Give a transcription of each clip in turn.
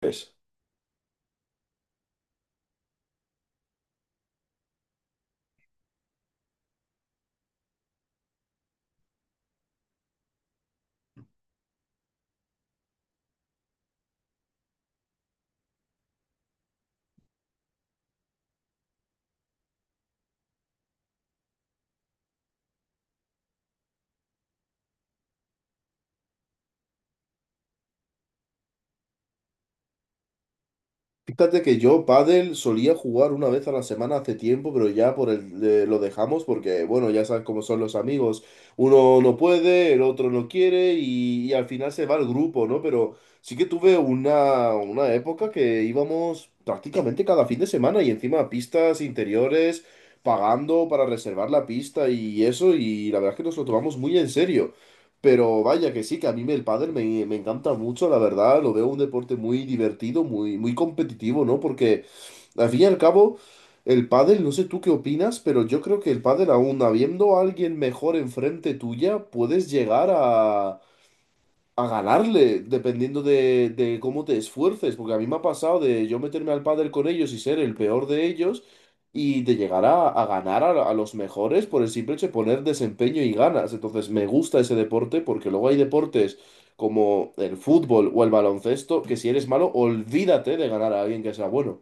Pues, fíjate que yo pádel solía jugar una vez a la semana hace tiempo, pero ya por el, lo dejamos porque, bueno, ya sabes cómo son los amigos. Uno no puede, el otro no quiere y al final se va el grupo, ¿no? Pero sí que tuve una época que íbamos prácticamente cada fin de semana y encima a pistas interiores, pagando para reservar la pista y eso, y la verdad es que nos lo tomamos muy en serio. Pero vaya que sí, que a mí me- el pádel me, me encanta mucho, la verdad, lo veo un deporte muy divertido, muy, muy competitivo, ¿no? Porque al fin y al cabo, el pádel, no sé tú qué opinas, pero yo creo que el pádel aún habiendo a alguien mejor enfrente tuya, puedes llegar a ganarle, dependiendo de cómo te esfuerces, porque a mí me ha pasado de yo meterme al pádel con ellos y ser el peor de ellos y de llegar a ganar a los mejores por el simple hecho de poner desempeño y ganas. Entonces me gusta ese deporte porque luego hay deportes como el fútbol o el baloncesto que si eres malo, olvídate de ganar a alguien que sea bueno.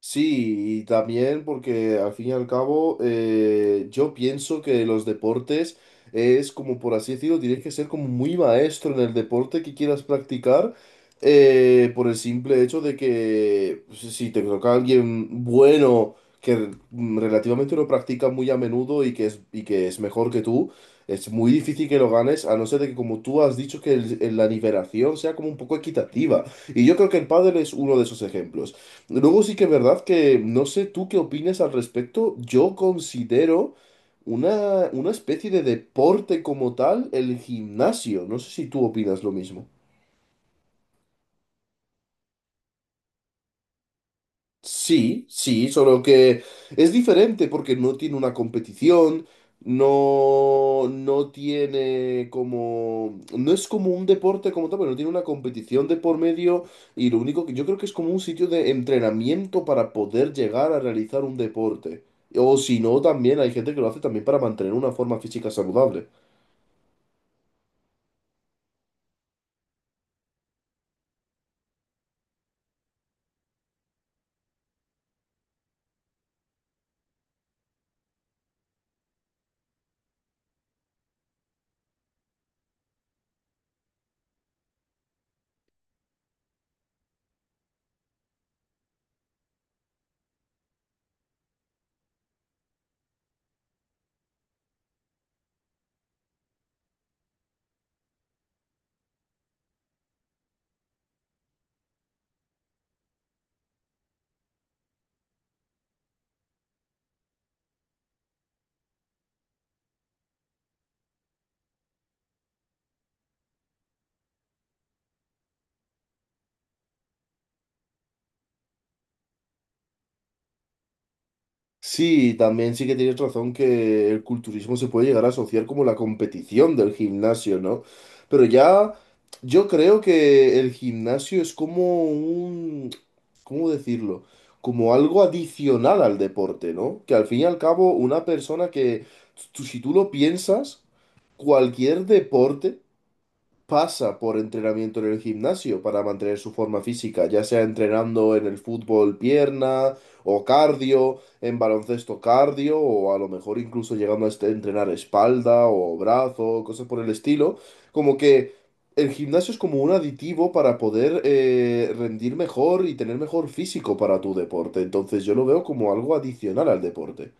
Sí, y también porque al fin y al cabo yo pienso que los deportes es como por así decirlo, tienes que ser como muy maestro en el deporte que quieras practicar por el simple hecho de que si te toca alguien bueno que relativamente lo practica muy a menudo y que es mejor que tú, es muy difícil que lo ganes a no ser de que como tú has dicho que el- la nivelación sea como un poco equitativa. Y yo creo que el pádel es uno de esos ejemplos. Luego sí que es verdad que no sé tú qué opinas al respecto. Yo considero una especie de deporte como tal el gimnasio. No sé si tú opinas lo mismo. Sí, sí, solo que es diferente porque no tiene una competición, no, no tiene como, no es como un deporte como tal, pero no tiene una competición de por medio y lo único que yo creo que es como un sitio de entrenamiento para poder llegar a realizar un deporte. O si no, también hay gente que lo hace también para mantener una forma física saludable. Sí, también sí que tienes razón que el culturismo se puede llegar a asociar como la competición del gimnasio, ¿no? Pero ya yo creo que el gimnasio es como un, ¿cómo decirlo? Como algo adicional al deporte, ¿no? Que al fin y al cabo una persona que, tú- si tú lo piensas, cualquier deporte pasa por entrenamiento en el gimnasio para mantener su forma física, ya sea entrenando en el fútbol pierna o cardio, en baloncesto cardio o a lo mejor incluso llegando a este- entrenar espalda o brazo, cosas por el estilo, como que el gimnasio es como un aditivo para poder rendir mejor y tener mejor físico para tu deporte, entonces yo lo veo como algo adicional al deporte.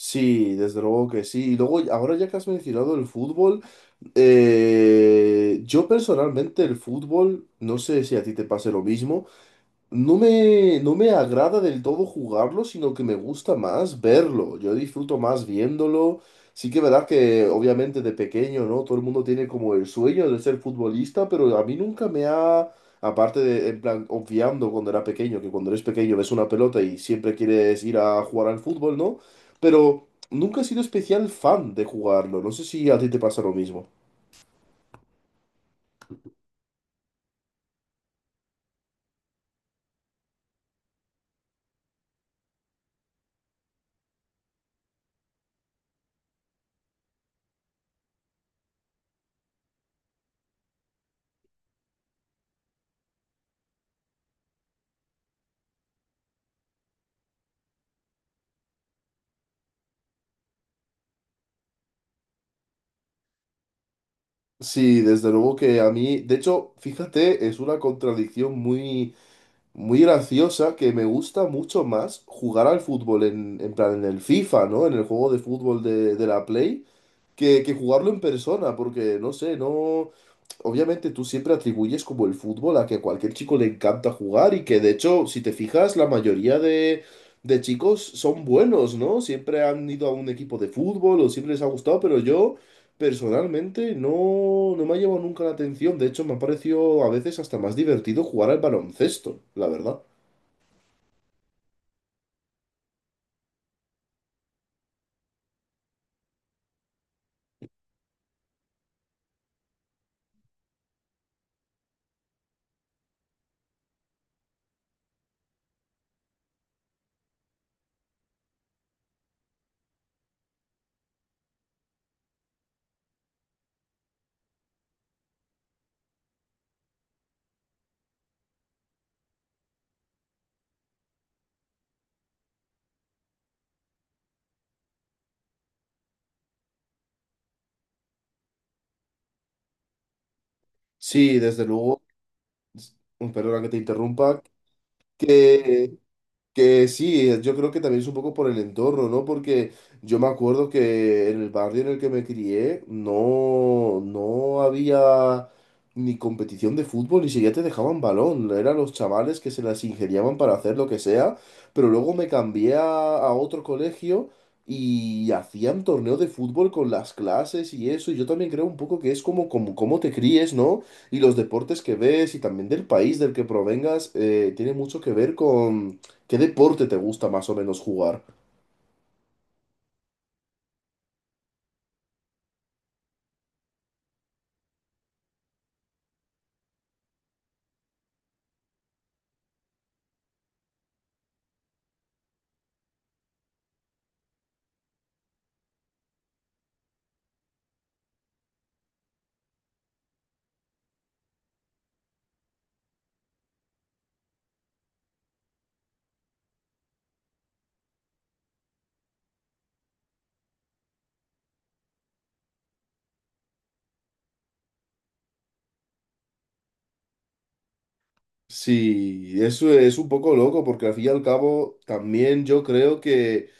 Sí, desde luego que sí. Y luego, ahora ya que has mencionado el fútbol, yo personalmente el fútbol, no sé si a ti te pase lo mismo, no me, no me agrada del todo jugarlo, sino que me gusta más verlo. Yo disfruto más viéndolo. Sí que es verdad que obviamente de pequeño, ¿no? Todo el mundo tiene como el sueño de ser futbolista, pero a mí nunca me ha, aparte de, en plan, obviando cuando era pequeño, que cuando eres pequeño ves una pelota y siempre quieres ir a jugar al fútbol, ¿no? Pero nunca he sido especial fan de jugarlo. No sé si a ti te pasa lo mismo. Sí, desde luego que a mí, de hecho, fíjate, es una contradicción muy, muy graciosa que me gusta mucho más jugar al fútbol en plan en el FIFA, ¿no? En el juego de fútbol de la Play, que jugarlo en persona, porque no sé, no. Obviamente tú siempre atribuyes como el fútbol a que a cualquier chico le encanta jugar y que de hecho, si te fijas, la mayoría de chicos son buenos, ¿no? Siempre han ido a un equipo de fútbol o siempre les ha gustado, pero yo personalmente no, no me ha llevado nunca la atención. De hecho, me ha parecido a veces hasta más divertido jugar al baloncesto, la verdad. Sí, desde luego, perdona que te interrumpa, que Que sí, yo creo que también es un poco por el entorno, ¿no? Porque yo me acuerdo que en el barrio en el que me crié no, no había ni competición de fútbol, ni siquiera te dejaban balón. Eran los chavales que se las ingeniaban para hacer lo que sea, pero luego me cambié a otro colegio y hacían torneo de fútbol con las clases y eso. Y yo también creo un poco que es como, como, cómo te críes, ¿no? Y los deportes que ves y también del país del que provengas tiene mucho que ver con ¿qué deporte te gusta más o menos jugar? Sí, eso es un poco loco porque al fin y al cabo también yo creo que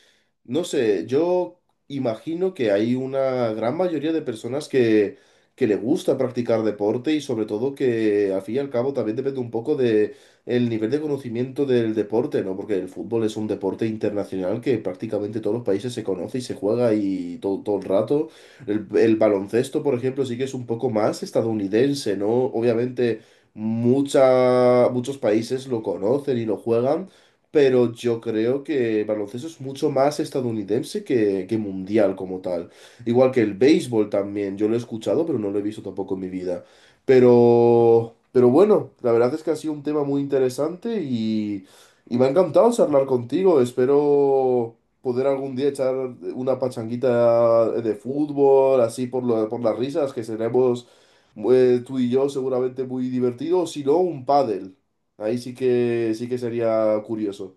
no sé, yo imagino que hay una gran mayoría de personas que le gusta practicar deporte y sobre todo que al fin y al cabo también depende un poco de el nivel de conocimiento del deporte, ¿no? Porque el fútbol es un deporte internacional que prácticamente todos los países se conoce y se juega y todo, todo el rato. El baloncesto, por ejemplo, sí que es un poco más estadounidense, ¿no? Obviamente mucha, muchos países lo conocen y lo juegan pero yo creo que el baloncesto es mucho más estadounidense que mundial como tal. Igual que el béisbol también, yo lo he escuchado, pero no lo he visto tampoco en mi vida. Pero bueno, la verdad es que ha sido un tema muy interesante y me ha encantado charlar contigo. Espero poder algún día echar una pachanguita de fútbol, así por, lo- por las risas, que seremos tú y yo seguramente muy divertidos, si no un pádel. Ahí sí que sería curioso.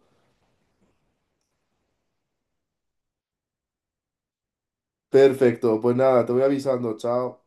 Perfecto, pues nada, te voy avisando, chao.